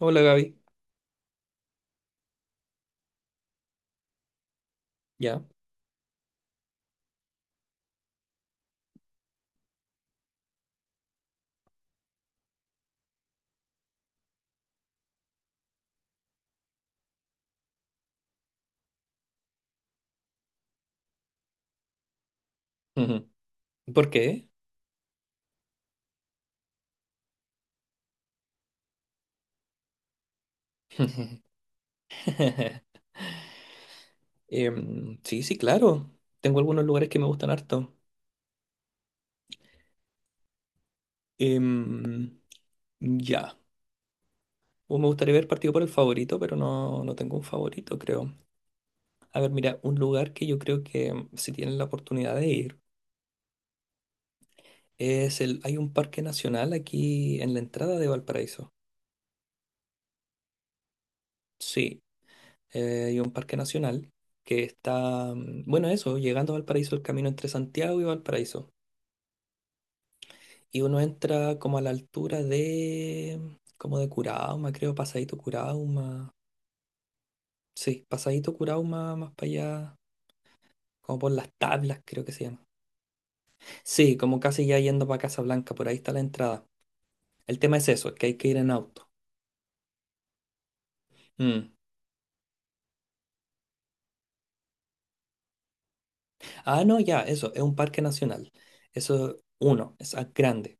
Hola Gaby, ya. Ujú. ¿Por qué? Sí, sí, claro. Tengo algunos lugares que me gustan harto. Em, ya. O me gustaría ver partido por el favorito, pero no, no tengo un favorito, creo. A ver, mira, un lugar que yo creo que si tienen la oportunidad de ir es el. Hay un parque nacional aquí en la entrada de Valparaíso. Sí, hay un parque nacional que está. Bueno, eso, llegando a Valparaíso, el camino entre Santiago y Valparaíso. Y uno entra como a la altura de, como de Curauma, creo, Pasadito Curauma. Sí, Pasadito Curauma más para allá, como por las tablas, creo que se llama. Sí, como casi ya yendo para Casablanca, por ahí está la entrada. El tema es eso, que hay que ir en auto. Mm. Ah, no, ya, eso, es un parque nacional. Eso, uno, es grande.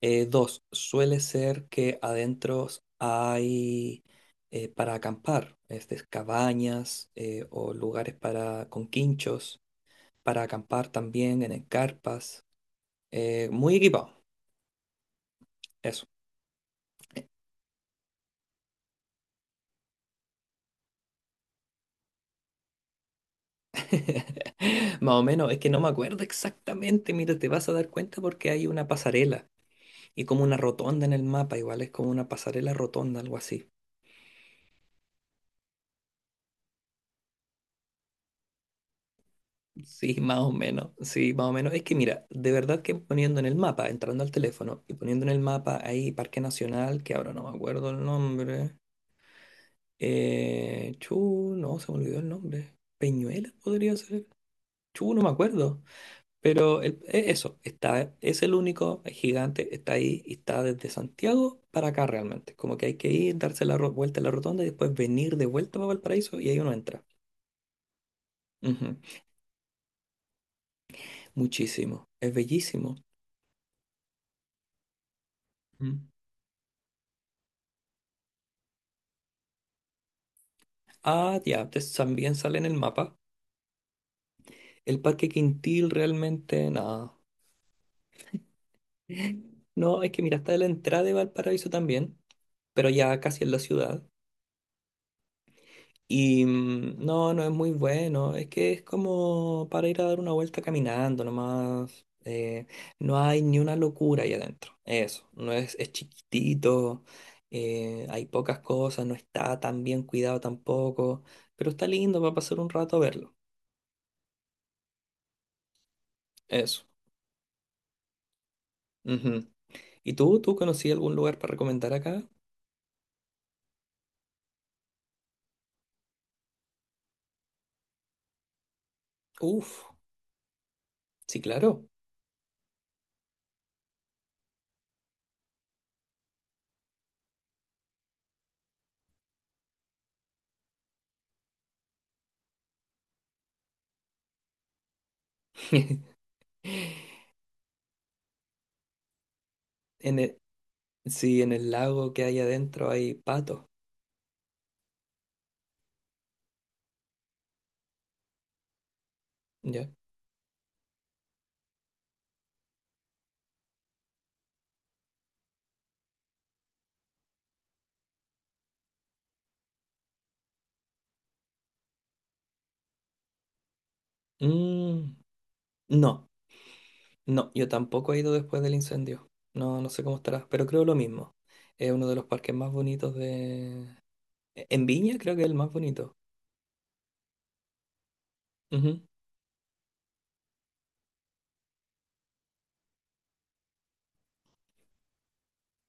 Dos, suele ser que adentro hay para acampar, este, cabañas o lugares para con quinchos para acampar también en carpas, muy equipado, eso. Más o menos, es que no me acuerdo exactamente, mira, te vas a dar cuenta porque hay una pasarela y como una rotonda en el mapa, igual es como una pasarela rotonda, algo así. Sí, más o menos, sí, más o menos. Es que mira, de verdad que poniendo en el mapa, entrando al teléfono y poniendo en el mapa ahí Parque Nacional, que ahora no me acuerdo el nombre. Chu, no, se me olvidó el nombre. Peñuela podría ser. Chu, no me acuerdo. Pero eso, está, es el único gigante, está ahí y está desde Santiago para acá realmente. Como que hay que ir, darse la vuelta a la rotonda y después venir de vuelta para Valparaíso y ahí uno entra. Ujú, muchísimo, es bellísimo. Mm. Ah, ya, también sale en el mapa. El Parque Quintil realmente, nada. No, es que mira, está la entrada de Valparaíso también, pero ya casi en la ciudad. Y no, no es muy bueno. Es que es como para ir a dar una vuelta caminando nomás. No hay ni una locura ahí adentro. Eso. No es, es chiquitito. Hay pocas cosas. No está tan bien cuidado tampoco. Pero está lindo para pasar un rato a verlo. Eso. Ujú. ¿Y tú? ¿Tú conocí algún lugar para recomendar acá? Uf. Sí, claro. En el, sí, en el lago que hay adentro hay patos. ¿Ya? Mm, no. No, yo tampoco he ido después del incendio. No, no sé cómo estará, pero creo lo mismo. Es uno de los parques más bonitos de... En Viña creo que es el más bonito. Ujú.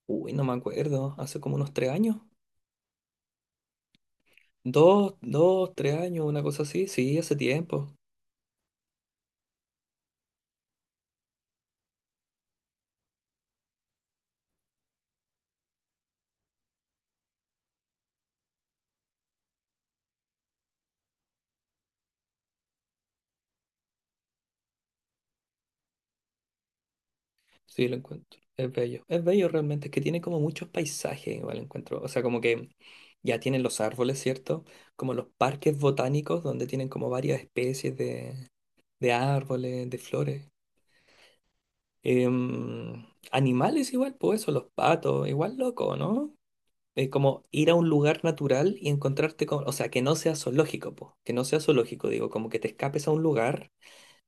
Uy, no me acuerdo. Hace como unos 3 años. Dos, 3 años, una cosa así. Sí, hace tiempo. Sí, lo encuentro. Es bello. Es bello realmente. Es que tiene como muchos paisajes, igual encuentro. O sea, como que ya tienen los árboles, ¿cierto? Como los parques botánicos donde tienen como varias especies de árboles, de flores. Em, animales igual, pues eso, los patos, igual loco, ¿no? Es como ir a un lugar natural y encontrarte con, o sea, que no sea zoológico, pues, que no sea zoológico, digo, como que te escapes a un lugar,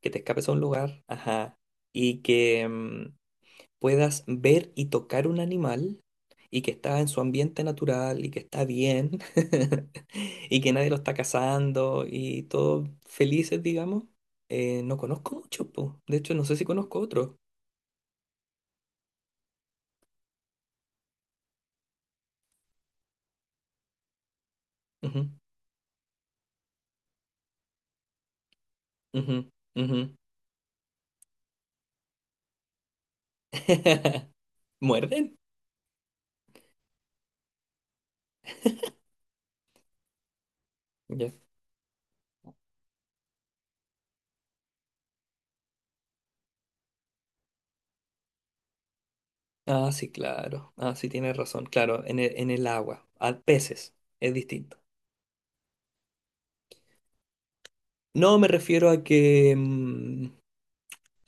que te escapes a un lugar, ajá, y que puedas ver y tocar un animal y que está en su ambiente natural y que está bien y que nadie lo está cazando y todos felices, digamos. No conozco mucho, pues, de hecho, no sé si conozco otro. Ujú. Ujú, ujú. ¿Muerden? Ya. Ah, sí, claro. Ah, sí, tienes razón. Claro, en el agua, a peces, es distinto. No, me refiero a que, mm,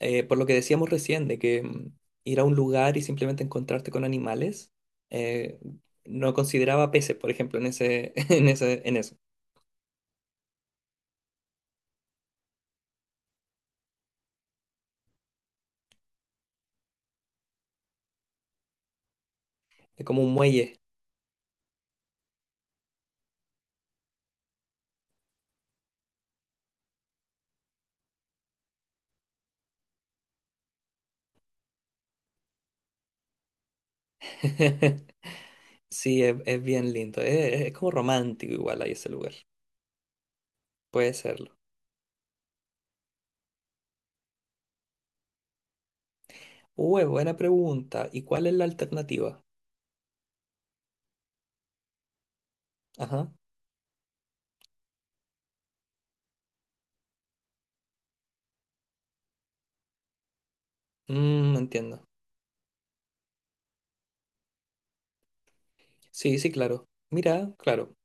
eh, por lo que decíamos recién, de que ir a un lugar y simplemente encontrarte con animales, eh, no consideraba peces, por ejemplo, en ese, en ese, en eso. Es como un muelle. Sí, es bien lindo. Es como romántico igual ahí ese lugar. Puede serlo. Uy, buena pregunta. ¿Y cuál es la alternativa? Ajá. Mm, entiendo. Sí, sí, claro. Mira, claro.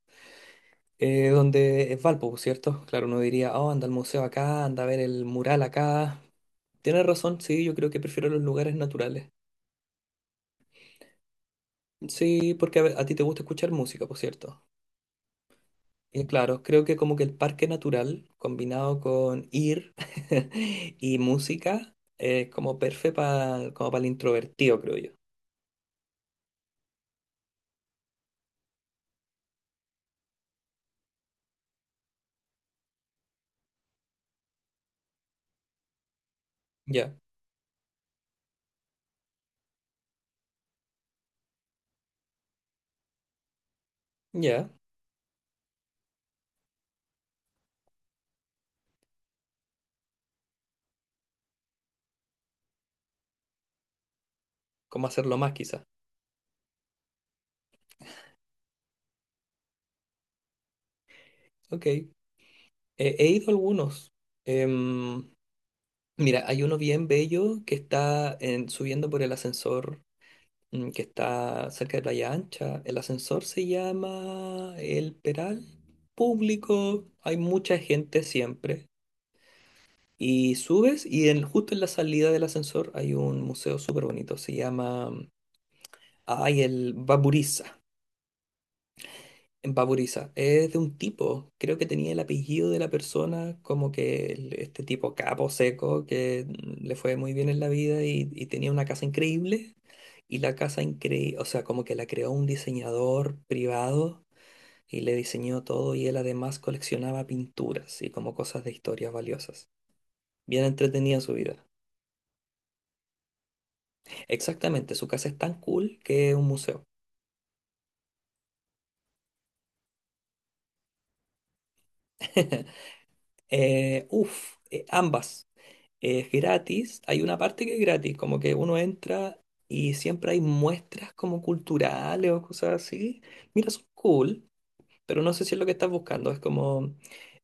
donde es Valpo, pues, ¿cierto? Claro, uno diría, oh, anda al museo acá, anda a ver el mural acá. Tienes razón, sí, yo creo que prefiero los lugares naturales. Sí, porque a ti te gusta escuchar música, por cierto. Y claro, creo que como que el parque natural, combinado con ir y música, es como perfecto para como para el introvertido, creo yo. Ya, ya. ¿Cómo hacerlo más, quizás? Ok, he ido a algunos. Em, mira, hay uno bien bello que está subiendo por el ascensor que está cerca de Playa Ancha. El ascensor se llama El Peral Público. Hay mucha gente siempre. Y subes y justo en la salida del ascensor hay un museo súper bonito. Se llama, ay, el Baburiza. En Papuriza, es de un tipo, creo que tenía el apellido de la persona, como que este tipo capo seco que le fue muy bien en la vida y tenía una casa increíble y la casa increíble, o sea, como que la creó un diseñador privado y le diseñó todo y él además coleccionaba pinturas y como cosas de historias valiosas. Bien entretenida su vida. Exactamente, su casa es tan cool que es un museo. Ambas. Es gratis, hay una parte que es gratis, como que uno entra y siempre hay muestras como culturales o cosas así. Mira, son cool, pero no sé si es lo que estás buscando. Es como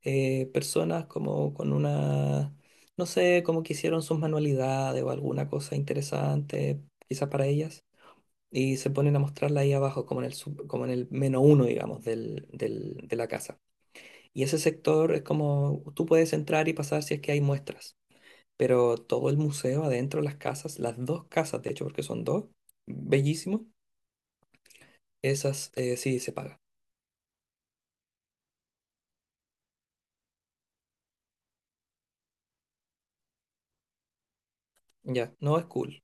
personas como con una, no sé, como que hicieron sus manualidades o alguna cosa interesante, quizás para ellas, y se ponen a mostrarla ahí abajo, como en el, como en el menos uno, digamos, del, de la casa. Y ese sector es como, tú puedes entrar y pasar si es que hay muestras, pero todo el museo adentro, las casas, las dos casas, de hecho, porque son dos, bellísimo, esas sí se paga. Ya, no es cool.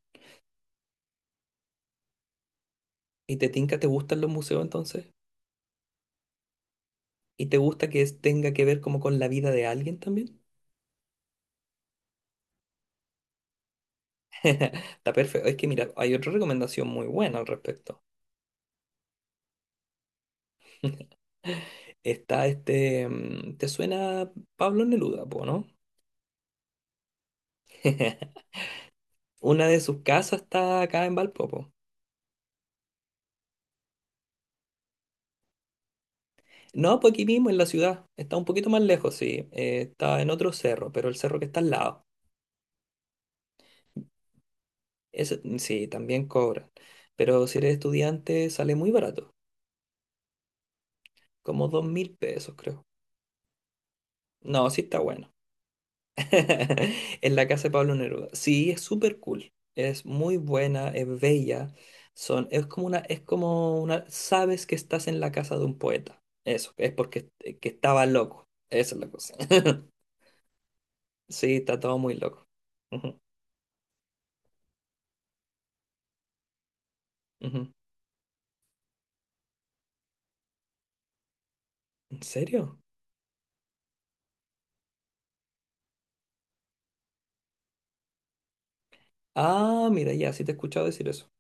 ¿Y te tinca, te gustan los museos entonces? ¿Y te gusta que tenga que ver como con la vida de alguien también? Está perfecto. Es que mira, hay otra recomendación muy buena al respecto. Está este, mm, ¿te suena Pablo Neruda, po, no? Una de sus casas está acá en Valpo, po. No, pues aquí mismo en la ciudad. Está un poquito más lejos, sí. Está en otro cerro, pero el cerro que está al lado. Ese, mm, sí, también cobran. Pero si eres estudiante, sale muy barato. Como 2.000 pesos, creo. No, sí está bueno. En la casa de Pablo Neruda. Sí, es súper cool. Es muy buena, es bella. Son, es como una, sabes que estás en la casa de un poeta. Eso, es porque que estaba loco. Esa es la cosa. Sí, está todo muy loco. Ujú, ujú. ¿En serio? Ah, mira, ya, sí te he escuchado decir eso.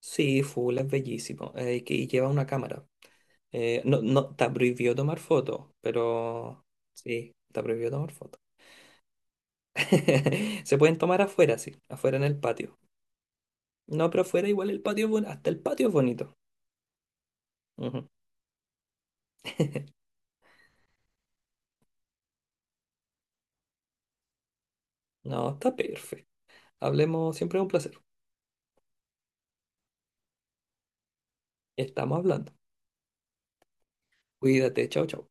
Sí, full, es bellísimo. Y lleva una cámara. No, no, está prohibido tomar fotos, pero sí, está prohibido tomar fotos. Se pueden tomar afuera, sí, afuera en el patio. No, pero afuera igual el patio es bonito, hasta el patio es bonito. Ujú. No, está perfecto. Hablemos, siempre es un placer. Estamos hablando. Cuídate, chao, chao.